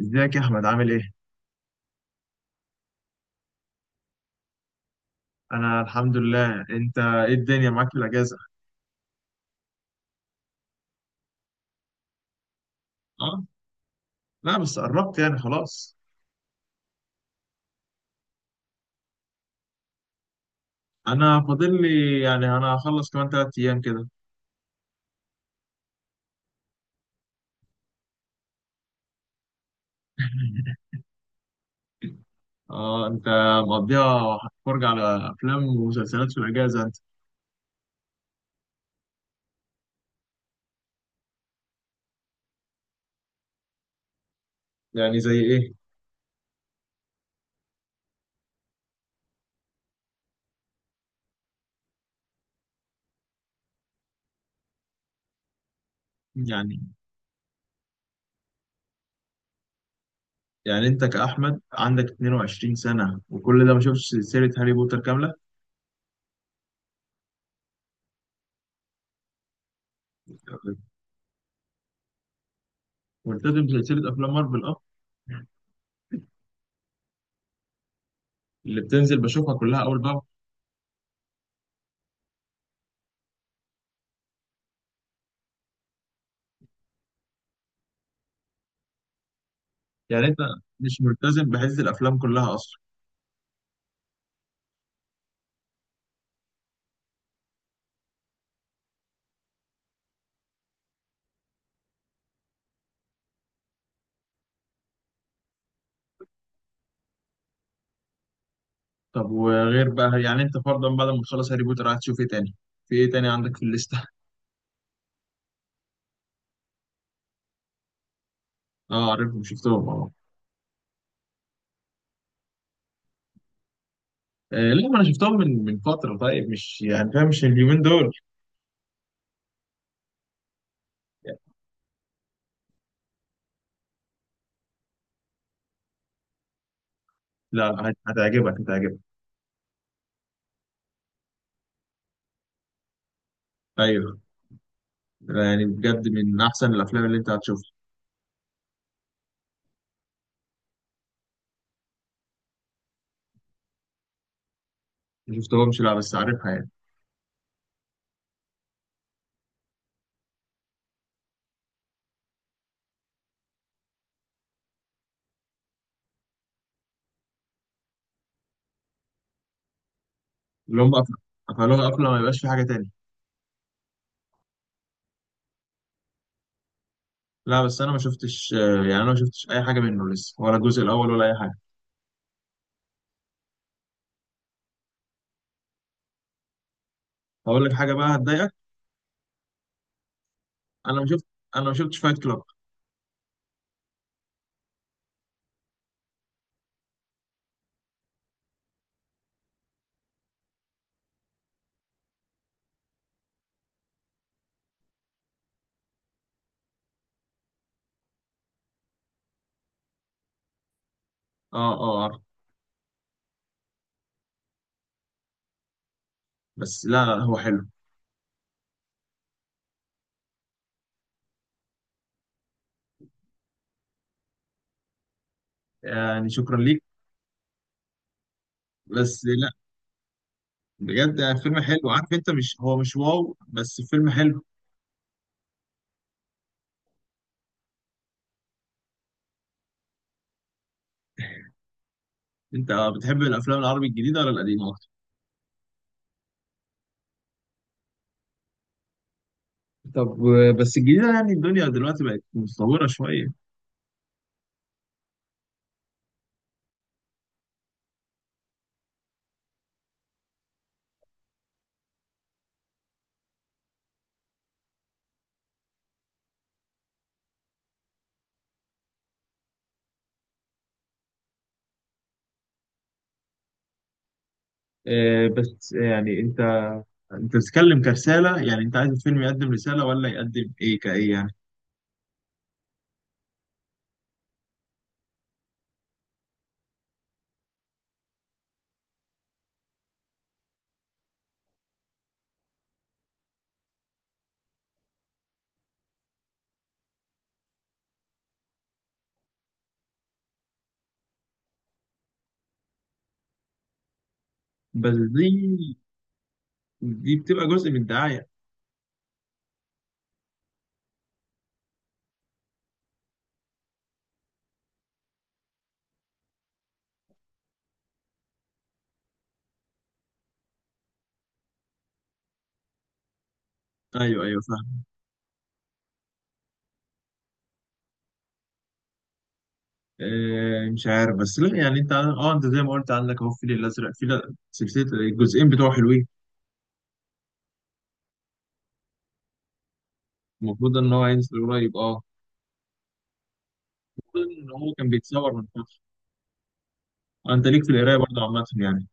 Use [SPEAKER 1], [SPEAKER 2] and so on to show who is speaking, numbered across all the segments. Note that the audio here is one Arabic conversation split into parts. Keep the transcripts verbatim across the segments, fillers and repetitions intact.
[SPEAKER 1] ازيك يا احمد؟ عامل ايه؟ انا الحمد لله. انت ايه الدنيا معاك في الاجازه؟ اه. لا بس قربت يعني خلاص. انا فاضل لي يعني انا هخلص كمان ثلاث ايام كده. اه انت مقضيها فرجة على افلام ومسلسلات في الاجازه انت؟ يعني زي ايه؟ يعني يعني انت كاحمد عندك اثنين وعشرين سنه وكل ده ما شفتش سلسله هاري بوتر كامله؟ ملتزم بسلسله افلام مارفل، اه، اللي بتنزل بشوفها كلها اول باول. يعني انت مش ملتزم بحيث الافلام كلها؟ طب وغير بقى، يعني انت فرضا بعد ما تخلص هاري بوتر قاعد تشوف ايه تاني؟ في ايه تاني عندك في الليسته؟ اه عارفهم، شفتهم اه. آه، لا ما انا شفتهم من من فتره، طيب مش يعني فاهم، مش اليومين دول. يعني. لا لا، هت- هتعجبك، هتعجبك. ايوه. لا، يعني بجد من احسن الافلام اللي انت هتشوفها. ما شفتهمش لا، بس عارفها يعني. اللي هم قفل- قفلوها قفله ما يبقاش في حاجه تاني. لا بس انا ما شفتش، آه، يعني انا ما شفتش اي حاجه منه لسه، ولا الجزء الاول ولا اي حاجه. هقول لك حاجه بقى هتضايقك. انا ما شفت انا ما شفتش فايت كلاب. اه اه عارف. بس لا لا هو حلو يعني. شكرا ليك. بس لا، بجد فيلم حلو، عارف انت، مش هو مش واو، بس فيلم حلو. انت بتحب الافلام العربي الجديده ولا القديمه اكتر؟ طب آه، بس الجديده يعني الدنيا دلوقتي بقت متطوره شويه. آه، بس يعني انت، انت بتتكلم كرساله؟ يعني انت عايز الفيلم يقدم رساله ولا يقدم ايه كايه يعني؟ بس دي دي بتبقى جزء من الدعايه. ايوه ايوه فاهم. آه، مش عارف، بس لا يعني انت، اه انت زي ما قلت عندك اهو الفيل الازرق، في سلسله الجزئين بتوعه حلوين. المفروض ان هو هينزل قريب اه. المفروض ان هو كان بيتصور من فتره. آه، انت ليك في القرايه برضه عامه يعني؟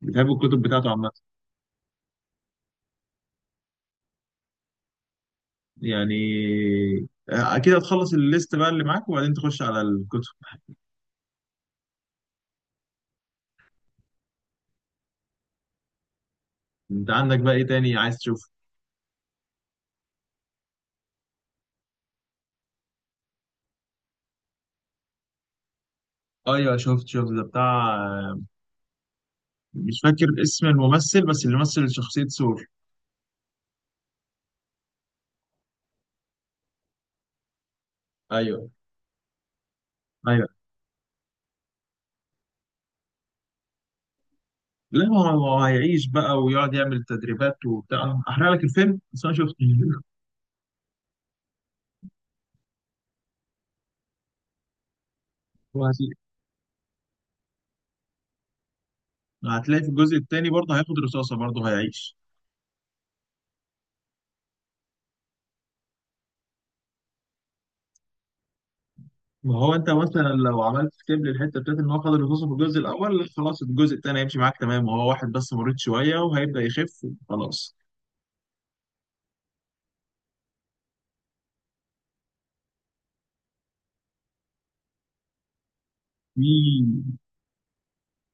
[SPEAKER 1] بتحب الكتب بتاعته عامه؟ يعني آه، اكيد هتخلص الليست بقى اللي معاك وبعدين تخش على الكتب. انت عندك بقى ايه تاني عايز تشوفه؟ ايوه شفت شفت ده بتاع. مش فاكر اسم الممثل، بس اللي مثل شخصيه سور. ايوه ايوه. لا هو هو هيعيش بقى ويقعد يعمل تدريبات وبتاع. احرق لك الفيلم بس انا شفته. وهتلاقي هتلاقي في الجزء التاني برضه هياخد رصاصه برضه هيعيش. ما هو انت مثلا لو عملت سكيب للحته بتاعت ان هو خد الرصاصه في الجزء الاول، خلاص الجزء الثاني هيمشي معاك تمام، وهو واحد بس مريض شويه وهيبدا يخف خلاص. في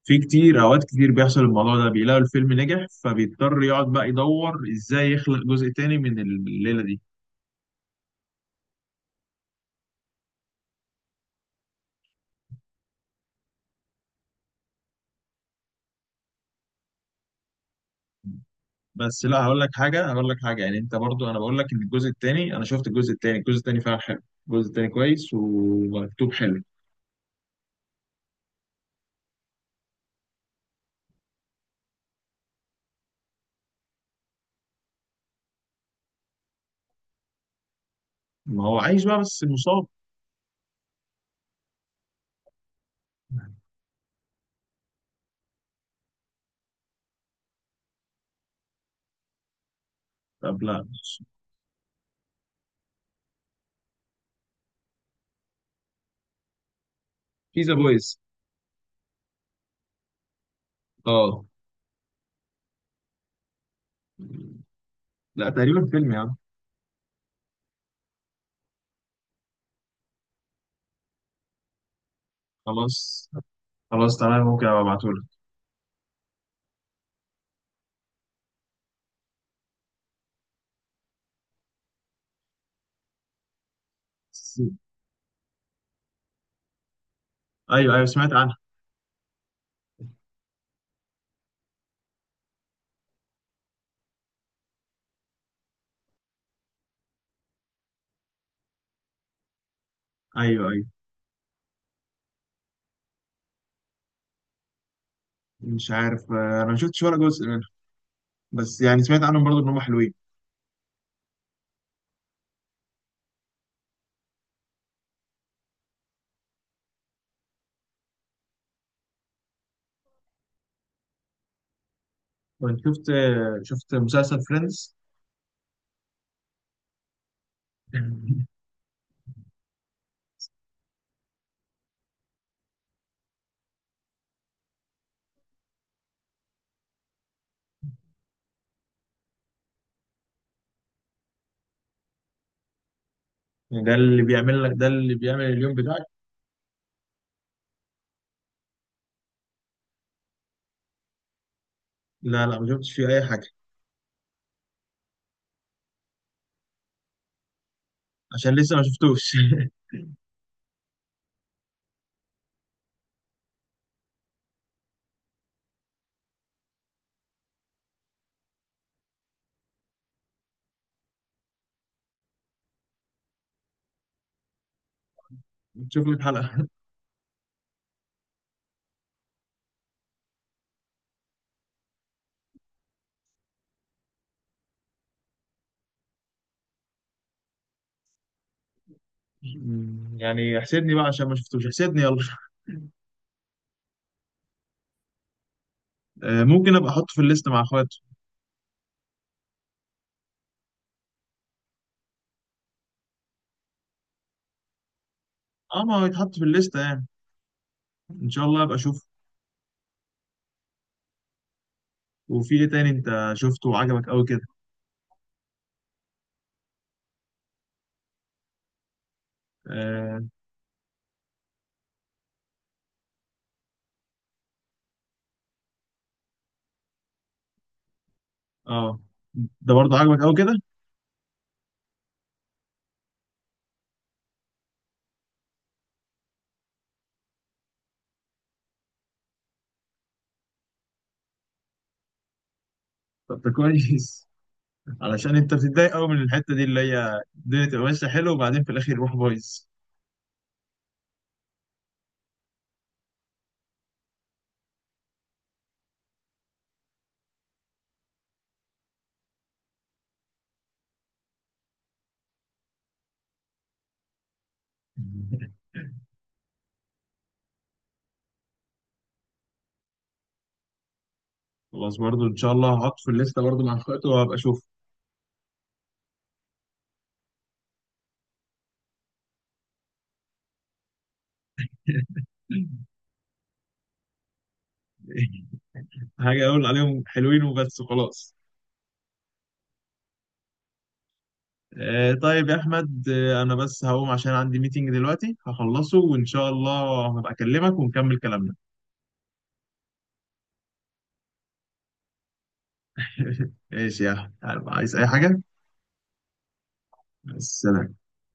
[SPEAKER 1] في كتير اوقات كتير بيحصل الموضوع ده، بيلاقوا الفيلم نجح فبيضطر يقعد بقى يدور ازاي يخلق جزء تاني من الليله دي. بس لا، هقول لك حاجه هقول لك حاجه يعني انت برضو، انا بقول لك ان الجزء التاني، انا شفت الجزء التاني الجزء التاني فعلا حلو. الجزء التاني كويس ومكتوب حلو. ما هو عايش بقى بس مصاب. طب لا، في ذا بويز. اه. لا تقريبا فيلم يا عم. خلاص، خلاص تمام، ممكن ابقى ابعتهولك. بس- ايوه ايوه سمعت عنها. ايوه ايوه مش عارف. آه، انا ما شفتش ولا جزء منها، بس يعني سمعت عنهم برضه ان هم حلوين. كنت شفت، آه، شفت مسلسل فريندز. ده اللي بيعمل لك ده اللي بيعمل اليوم بتاعك. لا لا ما شفتش فيه اي حاجه. عشان لسه ما شفتوش. شوف لي حلقه. يعني احسدني بقى عشان ما شفتوش، احسدني يلا. آه، ممكن ابقى احطه في الليست مع اخواته. اه ما هو يتحط في الليسته يعني، ان شاء الله ابقى اشوف. وفي ايه تاني انت شفته وعجبك قوي كده؟ اه. آه. ده برضه عجبك قوي كده؟ طب ده كويس. علشان انت بتتضايق قوي من الحته دي اللي هي الدنيا تبقى ماشيه حلو وبعدين في الاخر يروح بايظ. خلاص برضه ان شاء الله هحط في الليسته برضه مع اخواته وهبقى اشوف. حاجه اقول عليهم حلوين وبس وخلاص. آه طيب يا احمد، آه انا بس هقوم عشان عندي ميتنج دلوقتي هخلصه، وان شاء الله هبقى اكلمك ونكمل كلامنا. ماشي يا احمد، عايز اي حاجه؟ السلام.